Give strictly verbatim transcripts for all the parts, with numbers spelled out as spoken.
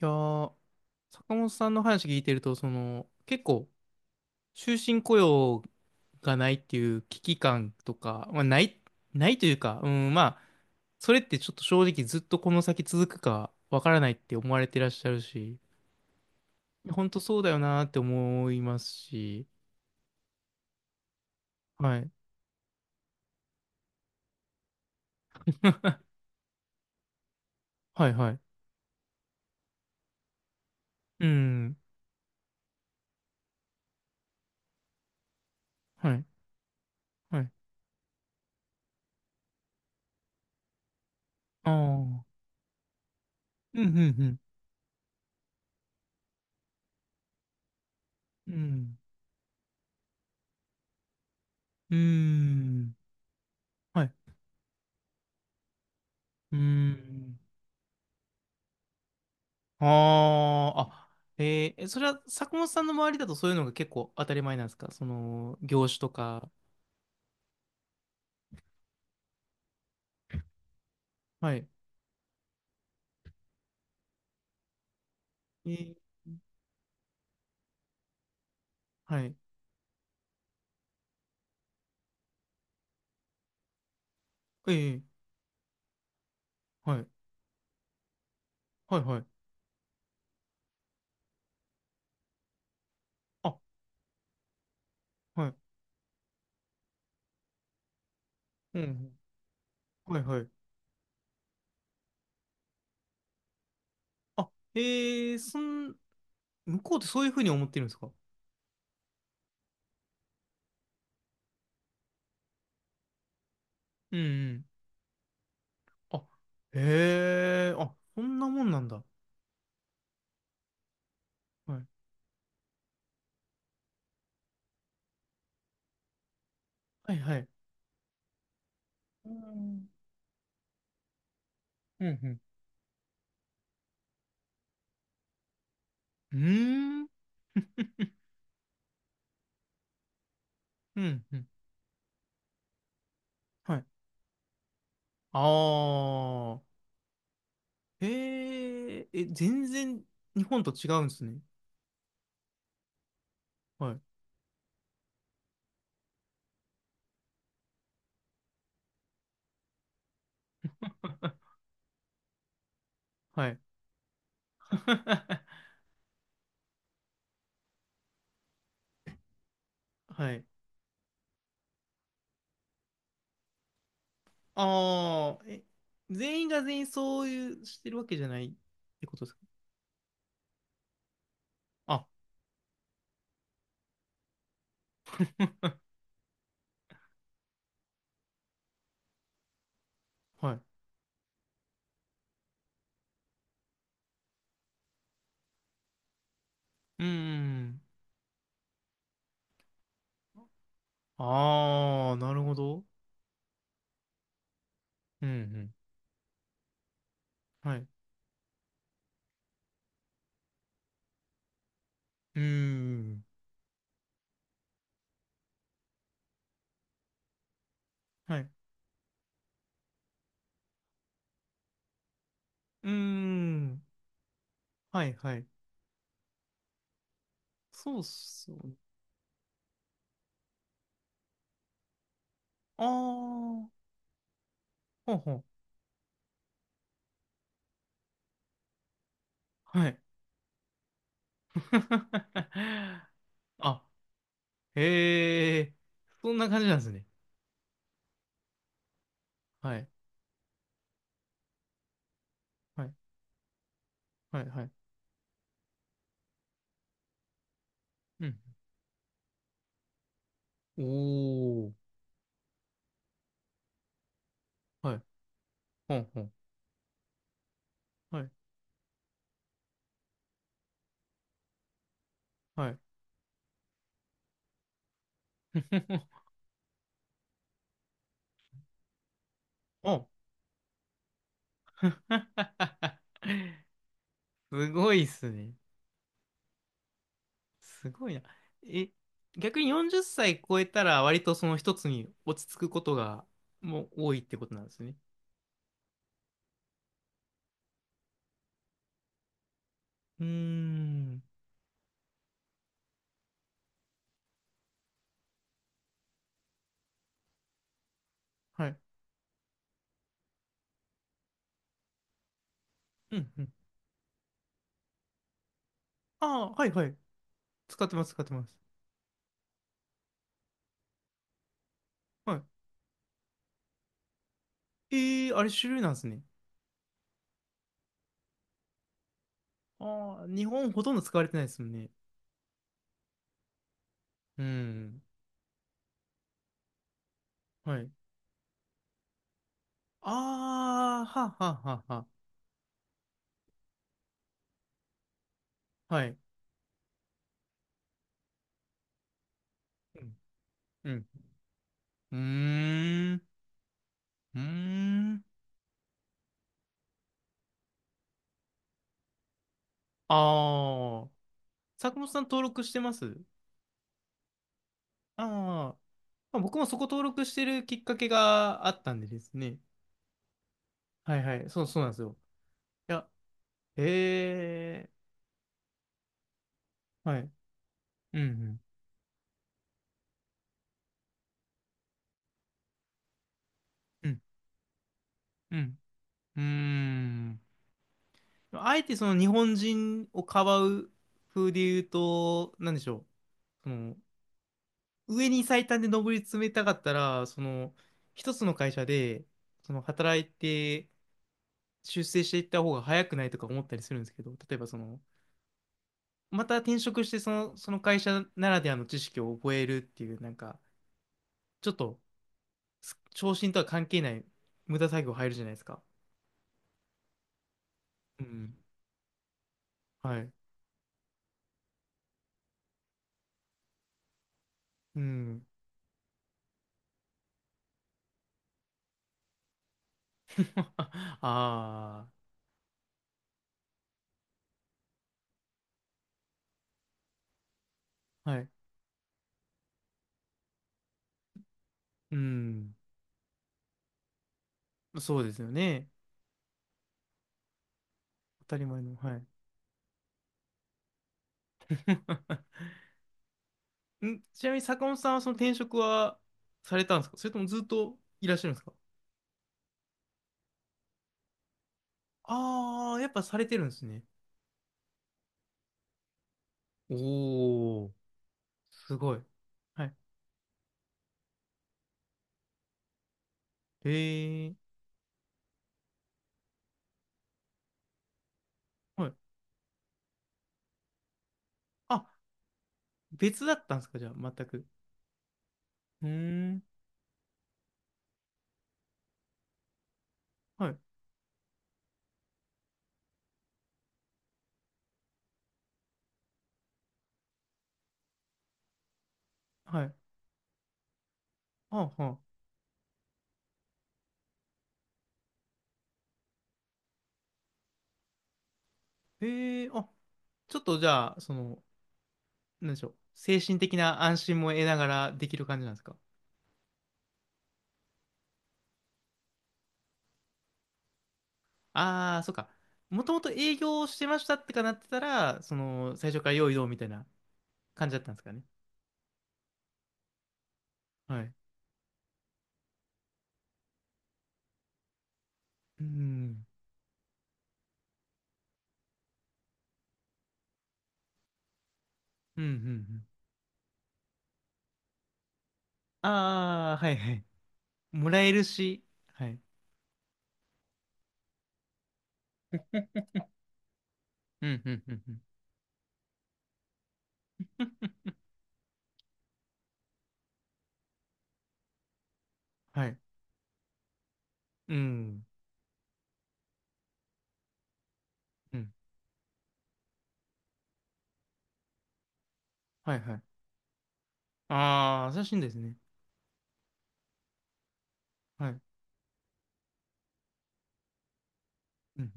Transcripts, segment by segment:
いやー、坂本さんの話聞いてると、その、結構、終身雇用がないっていう危機感とか、まあ、ない、ないというか、うん、まあ、それってちょっと正直ずっとこの先続くかわからないって思われてらっしゃるし、本当そうだよなーって思いますし。はい。はいはい。うん。はい。はい。ああ。うんうんうん。うん。うーん。はい。うーん。ああ、あ、えー、えそれは坂本さんの周りだとそういうのが結構当たり前なんですか？その、業種とか。はい。えー、はい。えー、はい。はい、はい。あ、はい。うん。はい、はい。あ、えー、そん、向こうってそういうふうに思ってるんですか？うん、うん。あ、へえ、あ、そんなもんなんだ。はい。はい、はい。うん、うん、うん。うーん、うん、うん。はい。ああ。へえ、え、全然日本と違うんですね。はい。はい。はい。ああ、え、全員が全員そういうしてるわけじゃないってことですか？あ、はい。うん。ああ、なるほど。うんうん。はい。うーん。はい。うーん。はいはい。そうっすよね。ああ、ほうほう。はい。あ、へえ、そんな感じなんですね。はい。はい。はい。はい。うん。おー。はい。ほんほん。はい。はい。お すごいっすね。すごいな。え、逆によんじゅっさい超えたら割とその一つに落ち着くことがもう多いってことなんですね。うーん。はい。うんうん。ああ、はいはい。使ってます、使ってます。はい。えー、あれ主流なんですね。ああ、日本ほとんど使われてないですもんね。うん。はい。ああ、はあはあはあはあ。はい。うん。うん。うーん。うーん。ああ。坂本さん登録してます？ああ。まあ、僕もそこ登録してるきっかけがあったんでですね。はいはい。そう、そうなんですよ。いや、ええ、はい。うん、うん、うん、うん。うーん。あえてその日本人をかばう風で言うと、なんでしょう。その、上に最短で上り詰めたかったら、その、一つの会社で、その、働いて、出世していった方が早くないとか思ったりするんですけど、例えばその、また転職して、その、その会社ならではの知識を覚えるっていう、なんか、ちょっと、す昇進とは関係ない無駄作業入るじゃないですか。うん。はい。うん。ああ、はい。うん。そうですよね。当たり前の。はい。んちなみに坂本さんはその転職はされたんですか？それともずっといらっしゃるんですか？ああー、やっぱされてるんですね。おお、すごい。はい。へえ、はい。あ、別だったんですか、じゃあ、全く。うーん。はい。はい。はあ、はあ。へえ、あ、ちょっとじゃあ、その、なんでしょう。精神的な安心も得ながらできる感じなんですか？ああー、そっか。もともと営業してましたってかなってたら、その、最初から用意どうみたいな感じだったんですかね。はい。うん。うん、うん、うん。ああ、はいはい。もらえるし、はい。うん、うん、うん、うん。はい。うん、うん。はいはい。ああ、優しいんですね。はい。うん、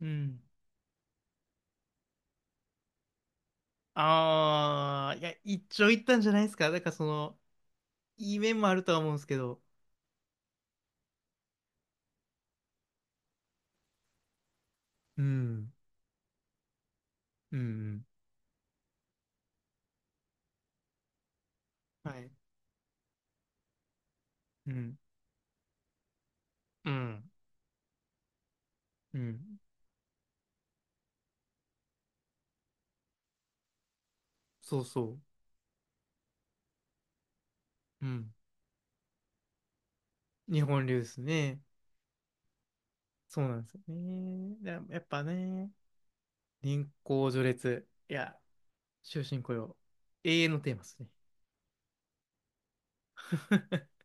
うん。うん。ああ、いや、一長一短じゃないですか。だからその、いい面もあるとは思うんですけど。うん、うん、うん。はい。うん、うん、うん。そうそう。うん。日本流ですね。そうなんですよね。だやっぱね、年功序列。いや、終身雇用。永遠のテーマですね。